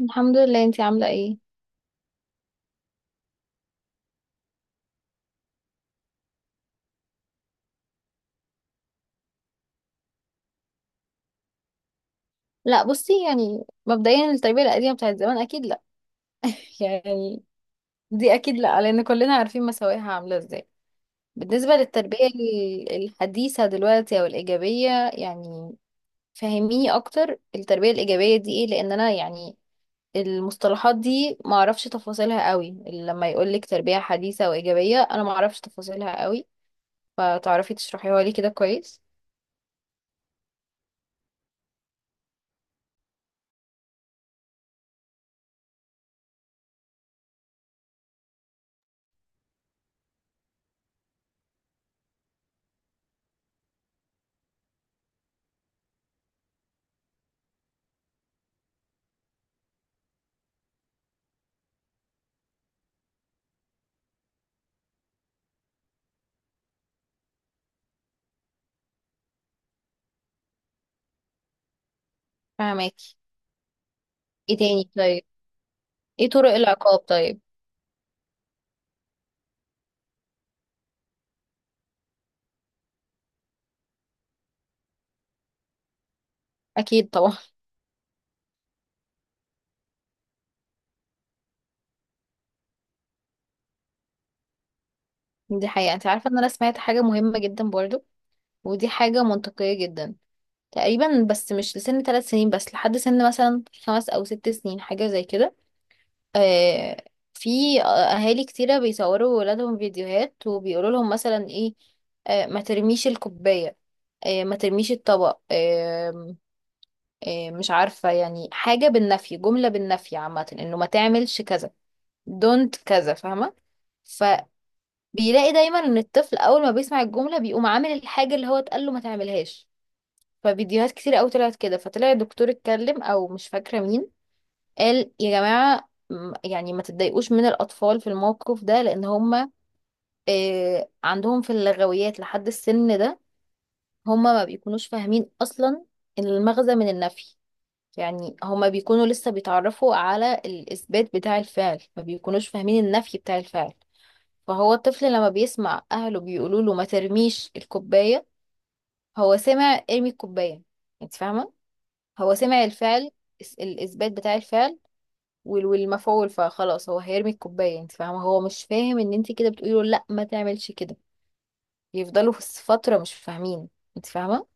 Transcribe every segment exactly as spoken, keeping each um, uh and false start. الحمد لله، انتي عاملة ايه؟ لا، بصي يعني مبدئيا التربية القديمة بتاعت زمان اكيد لا. يعني دي اكيد لا، لان كلنا عارفين مساوئها عاملة ازاي. بالنسبة للتربية ال- الحديثة دلوقتي او الايجابية، يعني فهميني اكتر التربية الايجابية دي ايه، لان انا يعني المصطلحات دي معرفش تفاصيلها قوي. لما يقولك تربية حديثة وايجابية انا معرفش تفاصيلها قوي، فتعرفي تشرحيها لي كده كويس؟ فهماكي. ايه تاني طيب؟ ايه طرق العقاب طيب؟ اكيد طبعا. دي حقيقة، انت عارفة ان انا سمعت حاجة مهمة جدا برضو، ودي حاجة منطقية جدا تقريبا، بس مش لسن ثلاث سنين بس لحد سن مثلا خمس او ست سنين، حاجة زي كده. آه في اهالي كتيرة بيصوروا ولادهم فيديوهات، وبيقولوا لهم مثلا ايه، آه ما ترميش الكوباية، آه ما ترميش الطبق. آه آه مش عارفة، يعني حاجة بالنفي، جملة بالنفي عامة، انه ما تعملش كذا، دونت كذا، فاهمة. بيلاقي دايما ان الطفل اول ما بيسمع الجمله بيقوم عامل الحاجه اللي هو اتقال له ما تعملهاش. ففيديوهات كتير قوي طلعت كده، فطلع الدكتور اتكلم او مش فاكره مين، قال يا جماعه، م- يعني ما تتضايقوش من الاطفال في الموقف ده، لان هم آه عندهم في اللغويات لحد السن ده، هم ما بيكونوش فاهمين اصلا المغزى من النفي. يعني هما بيكونوا لسه بيتعرفوا على الإثبات بتاع الفعل، ما بيكونوش فاهمين النفي بتاع الفعل. فهو الطفل لما بيسمع اهله بيقولوا له ما ترميش الكوبايه، هو سمع ارمي الكوبايه، انت فاهمه، هو سمع الفعل، الس- الاثبات بتاع الفعل، وال- والمفعول. فخلاص هو هيرمي الكوبايه، انت فاهمه، هو مش فاهم ان انت كده بتقولي له لا ما تعملش كده. يفضلوا في فتره مش فاهمين، انت فاهمه.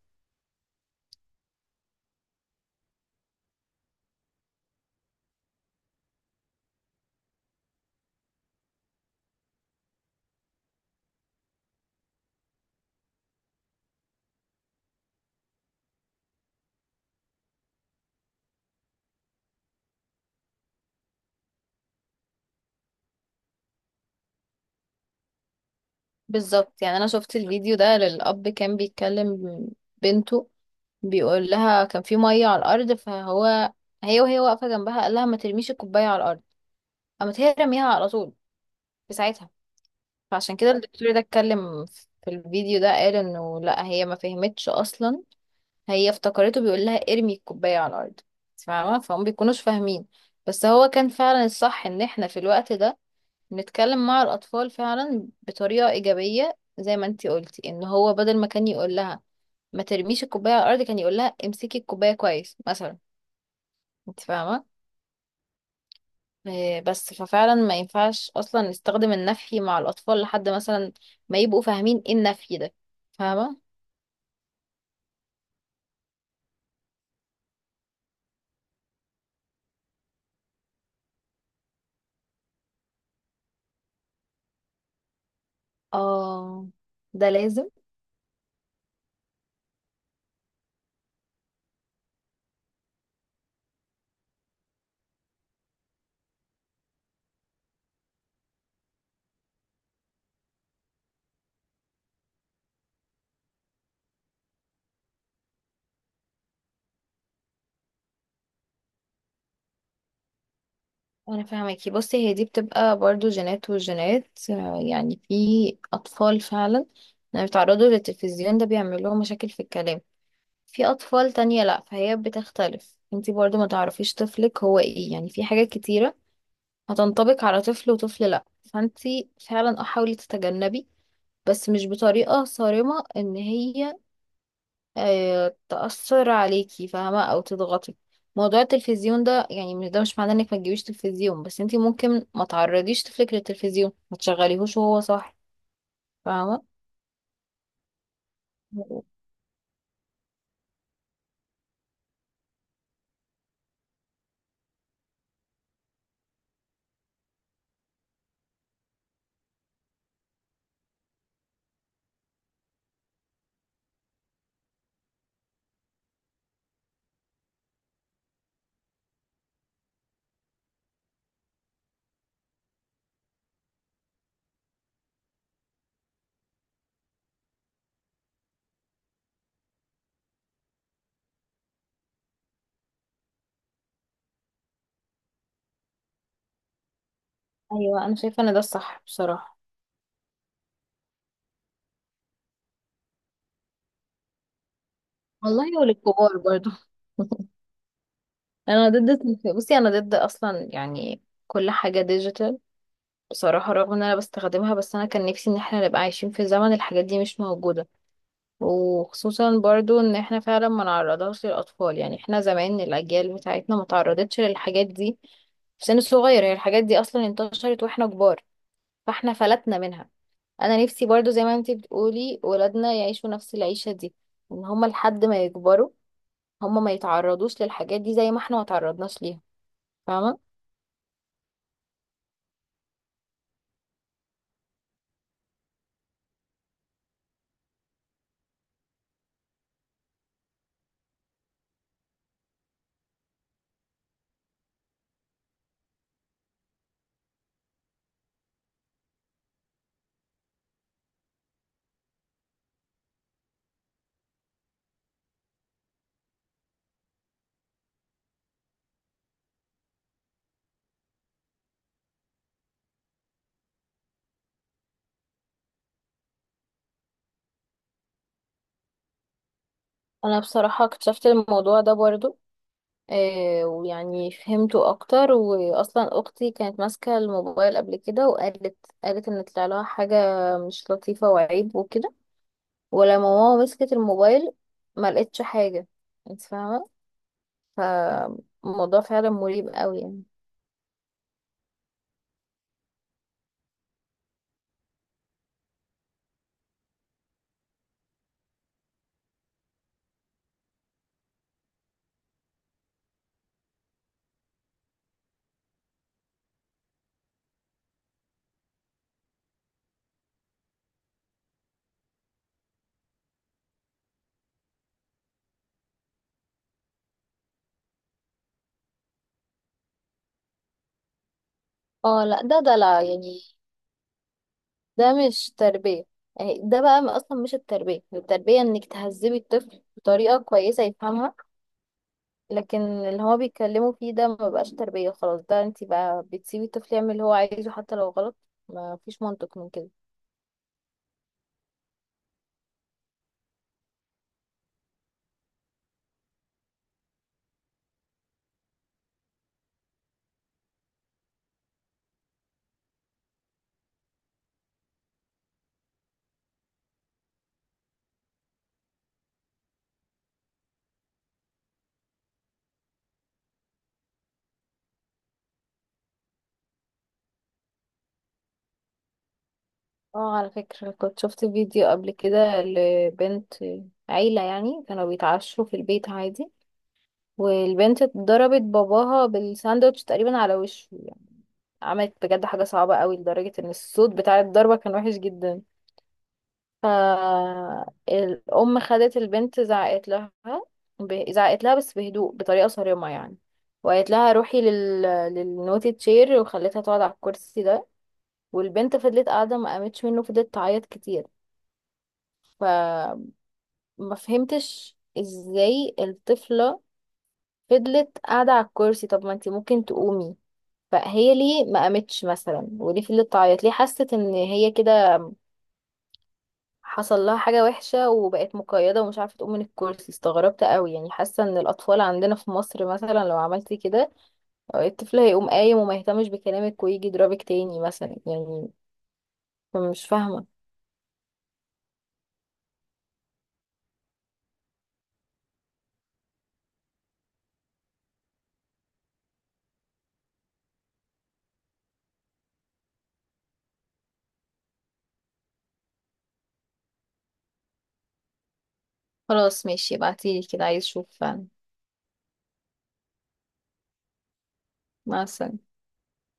بالظبط، يعني انا شفت الفيديو ده للاب كان بيتكلم بنته، بيقول لها كان في ميه على الارض، فهو هي وهي واقفه جنبها قال لها ما ترميش الكوبايه على الارض. قامت هي رميها على طول في ساعتها. فعشان كده الدكتور ده اتكلم في الفيديو ده، قال انه لا، هي ما فهمتش اصلا، هي افتكرته بيقول لها ارمي الكوبايه على الارض، فاهمه، فهم بيكونوش فاهمين. بس هو كان فعلا الصح ان احنا في الوقت ده نتكلم مع الاطفال فعلا بطريقه ايجابيه، زي ما انتي قلتي، ان هو بدل ما كان يقول لها ما ترميش الكوبايه على الارض كان يقول لها امسكي الكوبايه كويس مثلا، انت فاهمه. إيه، بس ففعلا ما ينفعش اصلا نستخدم النفي مع الاطفال لحد مثلا ما يبقوا فاهمين ايه النفي ده، فاهمه. اه، ده لازم. انا فاهمكي. بصي هي دي بتبقى برضو جينات وجينات، آه، يعني في اطفال فعلا لما بيتعرضوا للتلفزيون ده بيعمل لهم مشاكل في الكلام. في اطفال تانية لا، فهي بتختلف، انتي برضو ما تعرفيش طفلك هو ايه، يعني في حاجات كتيرة هتنطبق على طفل وطفل لا. فانتي فعلا، اه حاولي تتجنبي، بس مش بطريقة صارمة ان هي آه، تأثر عليكي، فاهمة، أو تضغطك. موضوع التلفزيون ده يعني مش- ده مش معناه انك ما تجيبيش تلفزيون، بس انتي ممكن ما تعرضيش طفلك للتلفزيون، ما تشغليهوش وهو صاحي، فاهمة. ايوه، انا شايفة ان ده الصح بصراحة. والله، وللكبار برضو. انا ضد التلف- بصي انا ضد اصلا يعني كل حاجة ديجيتال بصراحة، رغم ان انا بستخدمها، بس انا كان نفسي ان احنا نبقى عايشين في زمن الحاجات دي مش موجودة. وخصوصا برضو ان احنا فعلا ما نعرضهاش للاطفال، يعني احنا زمان الاجيال بتاعتنا ما تعرضتش للحاجات دي في سن صغير، هي الحاجات دي اصلا انتشرت واحنا كبار، فاحنا فلتنا منها. انا نفسي برضو زي ما انتي بتقولي ولادنا يعيشوا نفس العيشة دي، ان هما لحد ما يكبروا هما ما يتعرضوش للحاجات دي زي ما احنا ما تعرضناش ليها، فاهمة. انا بصراحة اكتشفت الموضوع ده برضو، آه، ويعني فهمته اكتر، واصلا اختي كانت ماسكه الموبايل قبل كده وقالت قالت ان طلع لها حاجه مش لطيفه وعيب وكده، ولما ماما مسكت الموبايل ما لقيتش حاجه، انت فاهمه. فالموضوع فعلا مريب قوي يعني. اه لا، ده دلع يعني، ده مش تربيه. يعني ده بقى اصلا مش التربيه، التربيه انك تهذبي الطفل بطريقه كويسه يفهمها. لكن اللي هو بيتكلموا فيه ده ما بقاش تربية خلاص، ده انت بقى بتسيبي الطفل يعمل اللي هو عايزه حتى لو غلط، ما فيش منطق من كده. اه، على فكرة، كنت شفت فيديو قبل كده لبنت، عيلة يعني، كانوا بيتعشوا في البيت عادي، والبنت ضربت باباها بالساندوتش تقريبا على وشه. عملت بجد حاجة صعبة قوي، لدرجة ان الصوت بتاع الضربة كان وحش جدا. فالأم خدت البنت زعقت لها، ب- زعقت لها بس بهدوء بطريقة صارمة يعني، وقالت لها روحي لل... للنوتي تشير، وخلتها تقعد على الكرسي ده. والبنت فضلت قاعدة ما قامتش منه، فضلت تعيط كتير، فما فهمتش ازاي الطفلة فضلت قاعدة على الكرسي. طب ما انتي ممكن تقومي، فهي ليه ما قامتش مثلا، وليه فضلت تعيط، ليه حست ان هي كده حصل لها حاجة وحشة، وبقت مقيدة ومش عارفة تقوم من الكرسي. استغربت قوي، يعني حاسة ان الاطفال عندنا في مصر مثلا لو عملتي كده الطفل هيقوم قايم وما يهتمش بكلامك ويجي يضربك تاني مثلا يعني، فمش فاهمة. خلاص ماشي، ابعتيلي كده، عايز اشوف فعلا. مع السلامة.